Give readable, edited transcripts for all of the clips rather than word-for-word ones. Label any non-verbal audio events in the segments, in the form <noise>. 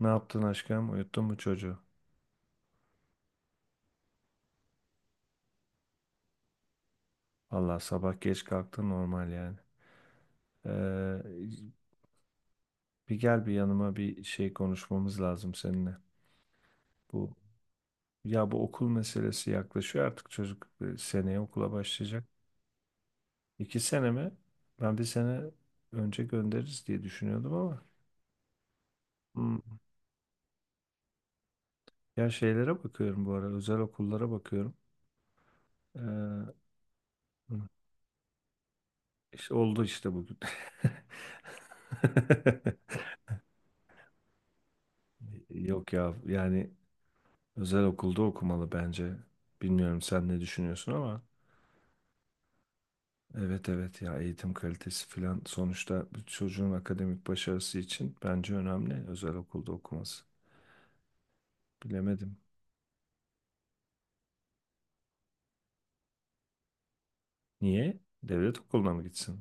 Ne yaptın aşkım? Uyuttun mu çocuğu? Allah sabah geç kalktın normal yani. Ee, Bir gel bir yanıma, bir şey konuşmamız lazım seninle. Bu Ya bu okul meselesi yaklaşıyor, artık çocuk seneye okula başlayacak. İki sene mi? Ben bir sene önce göndeririz diye düşünüyordum ama. Hmm. Ya şeylere bakıyorum bu ara, özel okullara bakıyorum. Ee, hı, işte oldu işte bugün. <laughs> Yok ya, yani özel okulda okumalı bence. Bilmiyorum sen ne düşünüyorsun ama. Evet, evet, ya eğitim kalitesi filan, sonuçta bir çocuğun akademik başarısı için bence önemli özel okulda okuması. Bilemedim. Niye? Devlet okuluna mı gitsin?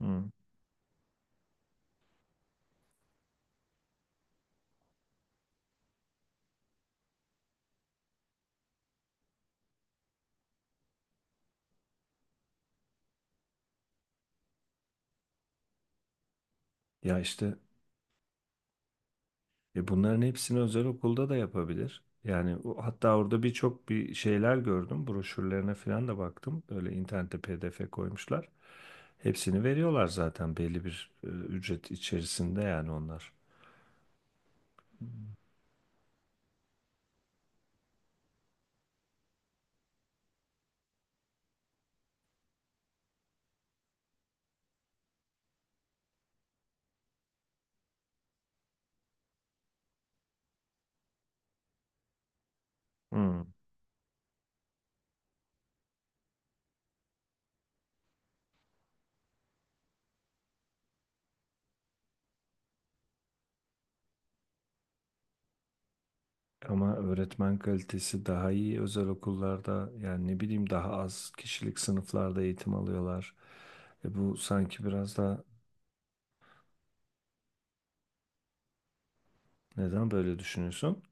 Hı. Ya işte bunların hepsini özel okulda da yapabilir. Yani o- hatta orada birçok bir şeyler gördüm. Broşürlerine falan da baktım. Böyle internette PDF koymuşlar. Hepsini veriyorlar zaten belli bir ücret içerisinde yani onlar. Hı. Ama öğretmen kalitesi daha iyi özel okullarda, yani ne bileyim, daha az kişilik sınıflarda eğitim alıyorlar. E bu sanki biraz da, neden böyle düşünüyorsun?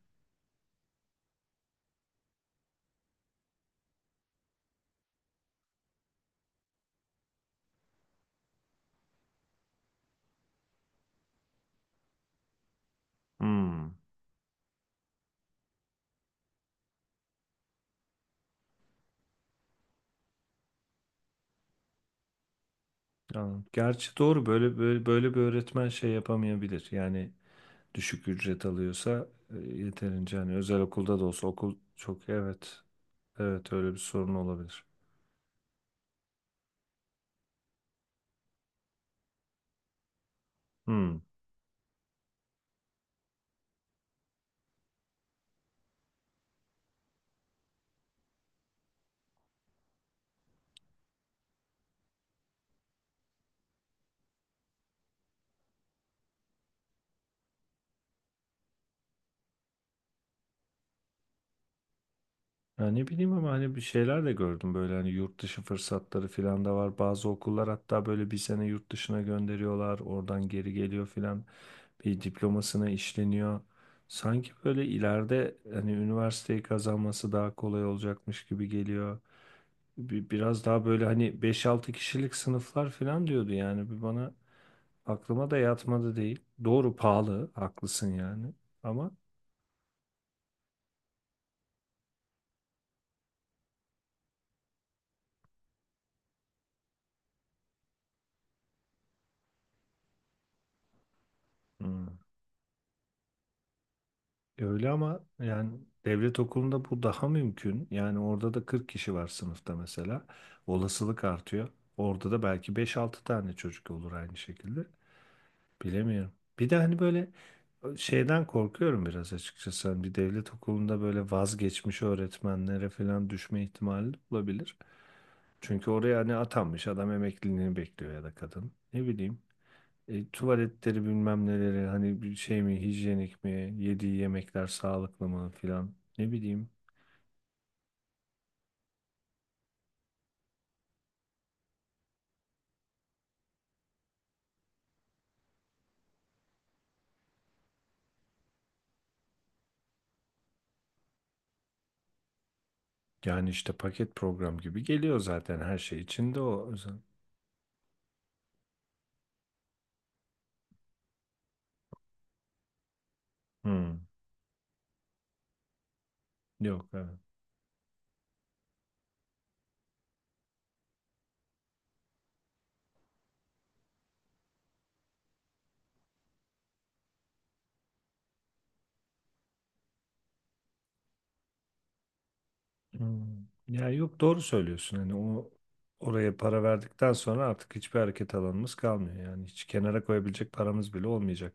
Hmm. Anladım. Gerçi doğru, böyle, böyle bir öğretmen şey yapamayabilir. Yani düşük ücret alıyorsa yeterince, hani özel okulda da olsa okul, çok evet, evet, öyle bir sorun olabilir. Hmm. Ya ne bileyim, ama hani bir şeyler de gördüm böyle, hani yurt dışı fırsatları filan da var. Bazı okullar hatta böyle bir sene yurt dışına gönderiyorlar. Oradan geri geliyor filan. Bir diplomasına işleniyor. Sanki böyle ileride hani üniversiteyi kazanması daha kolay olacakmış gibi geliyor. Biraz daha böyle, hani beş altı kişilik sınıflar filan diyordu yani. Bir bana aklıma da yatmadı değil. Doğru, pahalı, haklısın yani. Ama hmm. Öyle ama yani devlet okulunda bu daha mümkün. Yani orada da 40 kişi var sınıfta mesela. Olasılık artıyor. Orada da belki beş altı tane çocuk olur aynı şekilde. Bilemiyorum. Bir de hani böyle şeyden korkuyorum biraz açıkçası. Hani bir devlet okulunda böyle vazgeçmiş öğretmenlere falan düşme ihtimali olabilir. Çünkü oraya hani atanmış adam emekliliğini bekliyor ya da kadın. Ne bileyim. Tuvaletleri bilmem neleri, hani bir şey mi, hijyenik mi, yediği yemekler sağlıklı mı filan, ne bileyim. Yani işte paket program gibi geliyor zaten her şey içinde o. Hmm. Yok, evet. Hmm. Ya yok, doğru söylüyorsun, hani oraya para verdikten sonra artık hiçbir hareket alanımız kalmıyor, yani hiç kenara koyabilecek paramız bile olmayacak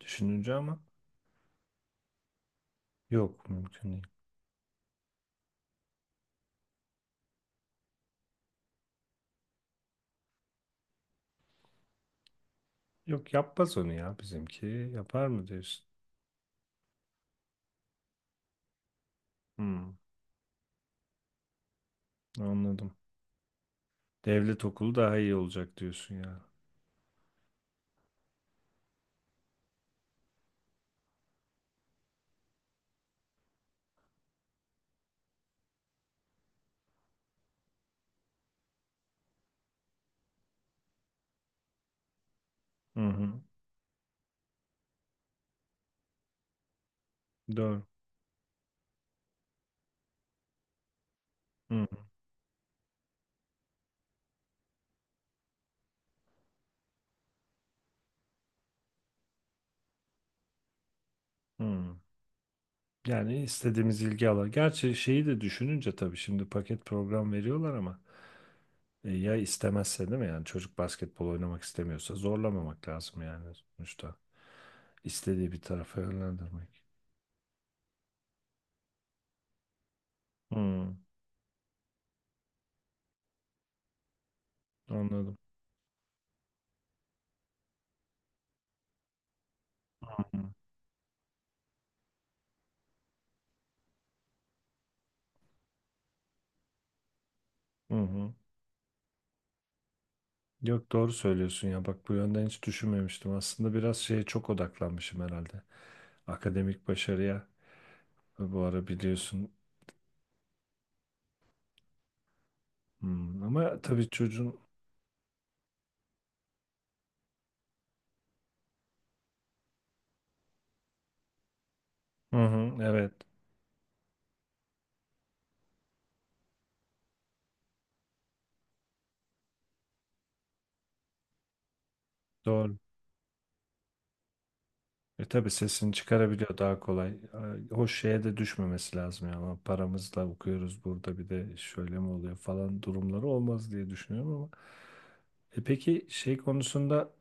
düşününce, ama yok, mümkün değil. Yok yapmaz onu ya bizimki, yapar mı diyorsun? Hmm. Anladım. Devlet okulu daha iyi olacak diyorsun ya. Hı hı. Doğru. Hı hı. Yani istediğimiz ilgi alan. Gerçi şeyi de düşününce tabii, şimdi paket program veriyorlar ama ya istemezse değil mi? Yani çocuk basketbol oynamak istemiyorsa zorlamamak lazım yani sonuçta. İstediği bir tarafa yönlendirmek. Hı. Anladım. Hı hı. Hı hı. Yok doğru söylüyorsun ya. Bak bu yönden hiç düşünmemiştim. Aslında biraz şeye çok odaklanmışım herhalde. Akademik başarıya. Bu ara biliyorsun. Hmm, ama tabii çocuğun, hı hı, evet, doğru. E tabii sesini çıkarabiliyor daha kolay. O şeye de düşmemesi lazım ya. Ama paramızla okuyoruz burada, bir de şöyle mi oluyor falan durumları olmaz diye düşünüyorum ama. E peki şey konusunda,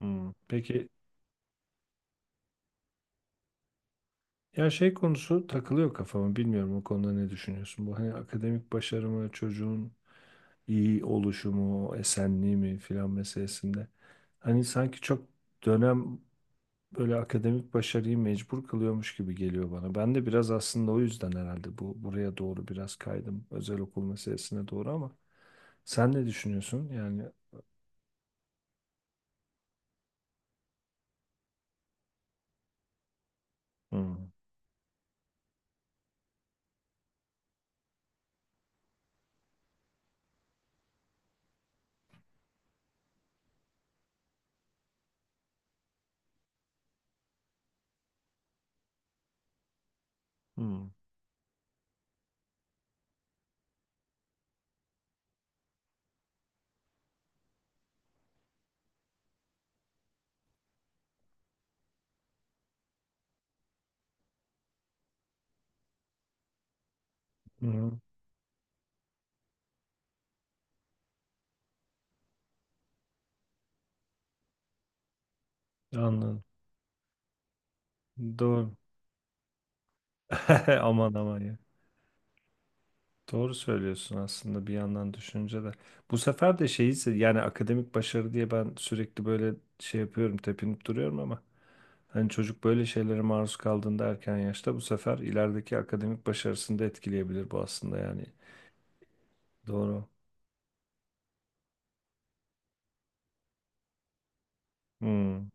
hmm, peki, ya şey konusu takılıyor kafama, bilmiyorum o konuda ne düşünüyorsun? Bu hani akademik başarı mı, çocuğun iyi oluşumu, esenliği mi filan meselesinde. Hani sanki çok dönem böyle akademik başarıyı mecbur kılıyormuş gibi geliyor bana. Ben de biraz aslında o yüzden herhalde buraya doğru biraz kaydım, özel okul meselesine doğru, ama sen ne düşünüyorsun? Yani hmm, hmm, hmm, anladım. Doğru. <laughs> Aman aman ya. Doğru söylüyorsun aslında bir yandan düşünce de. Bu sefer de şeyi se- yani akademik başarı diye ben sürekli böyle şey yapıyorum, tepinip duruyorum ama hani çocuk böyle şeylere maruz kaldığında erken yaşta, bu sefer ilerideki akademik başarısını da etkileyebilir bu aslında yani. Doğru. Hmm.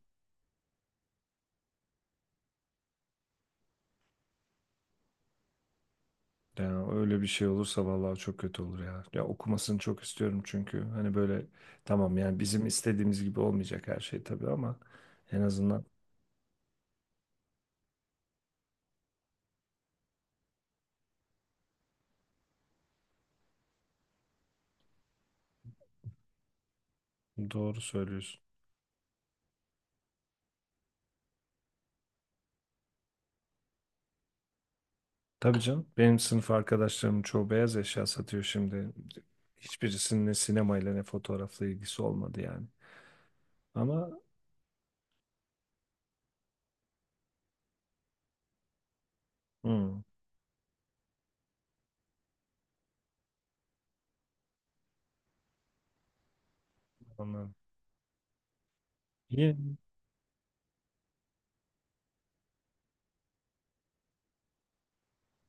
Yani öyle bir şey olursa vallahi çok kötü olur ya. Ya okumasını çok istiyorum, çünkü hani böyle, tamam yani bizim istediğimiz gibi olmayacak her şey tabii ama en azından, doğru söylüyorsun. Tabii canım, benim sınıf arkadaşlarımın çoğu beyaz eşya satıyor şimdi. Hiçbirisinin ne sinemayla ne fotoğrafla ilgisi olmadı yani. Ama hmm. Anladım. İyi.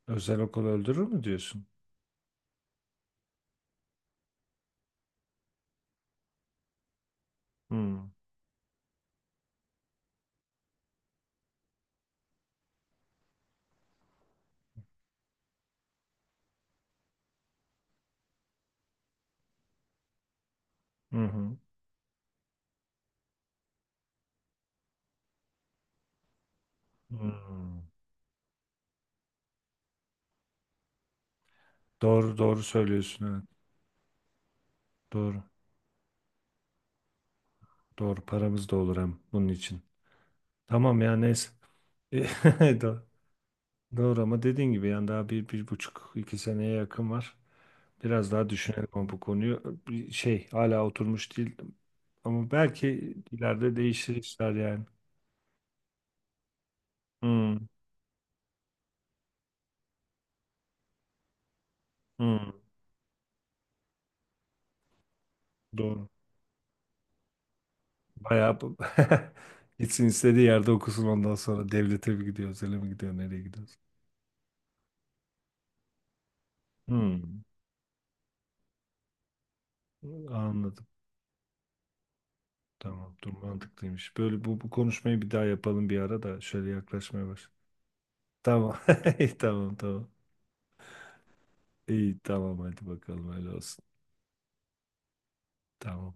Özel okul öldürür mü diyorsun? Hmm. Hı hı. Hmm. Doğru, doğru söylüyorsun, evet. Doğru. Doğru, paramız da olur hem bunun için. Tamam ya, neyse. <laughs> Do- doğru, ama dediğin gibi yani daha bir buçuk iki seneye yakın var. Biraz daha düşünelim ama bu konuyu. Bir şey hala oturmuş değil, ama belki ileride değişir işler yani. Hmm, hmm, doğru. Bayağı bu- <laughs> gitsin istediği yerde okusun, ondan sonra devlete mi gidiyor, özele mi gidiyor, nereye gidiyor? Hmm, anladım. Tamam, dur mantıklıymış. Böyle bu konuşmayı bir daha yapalım bir ara da, şöyle yaklaşmaya baş. Tamam. <laughs> Tamam, tamam. İyi, tamam, hadi bakalım öyle olsun. Tamam.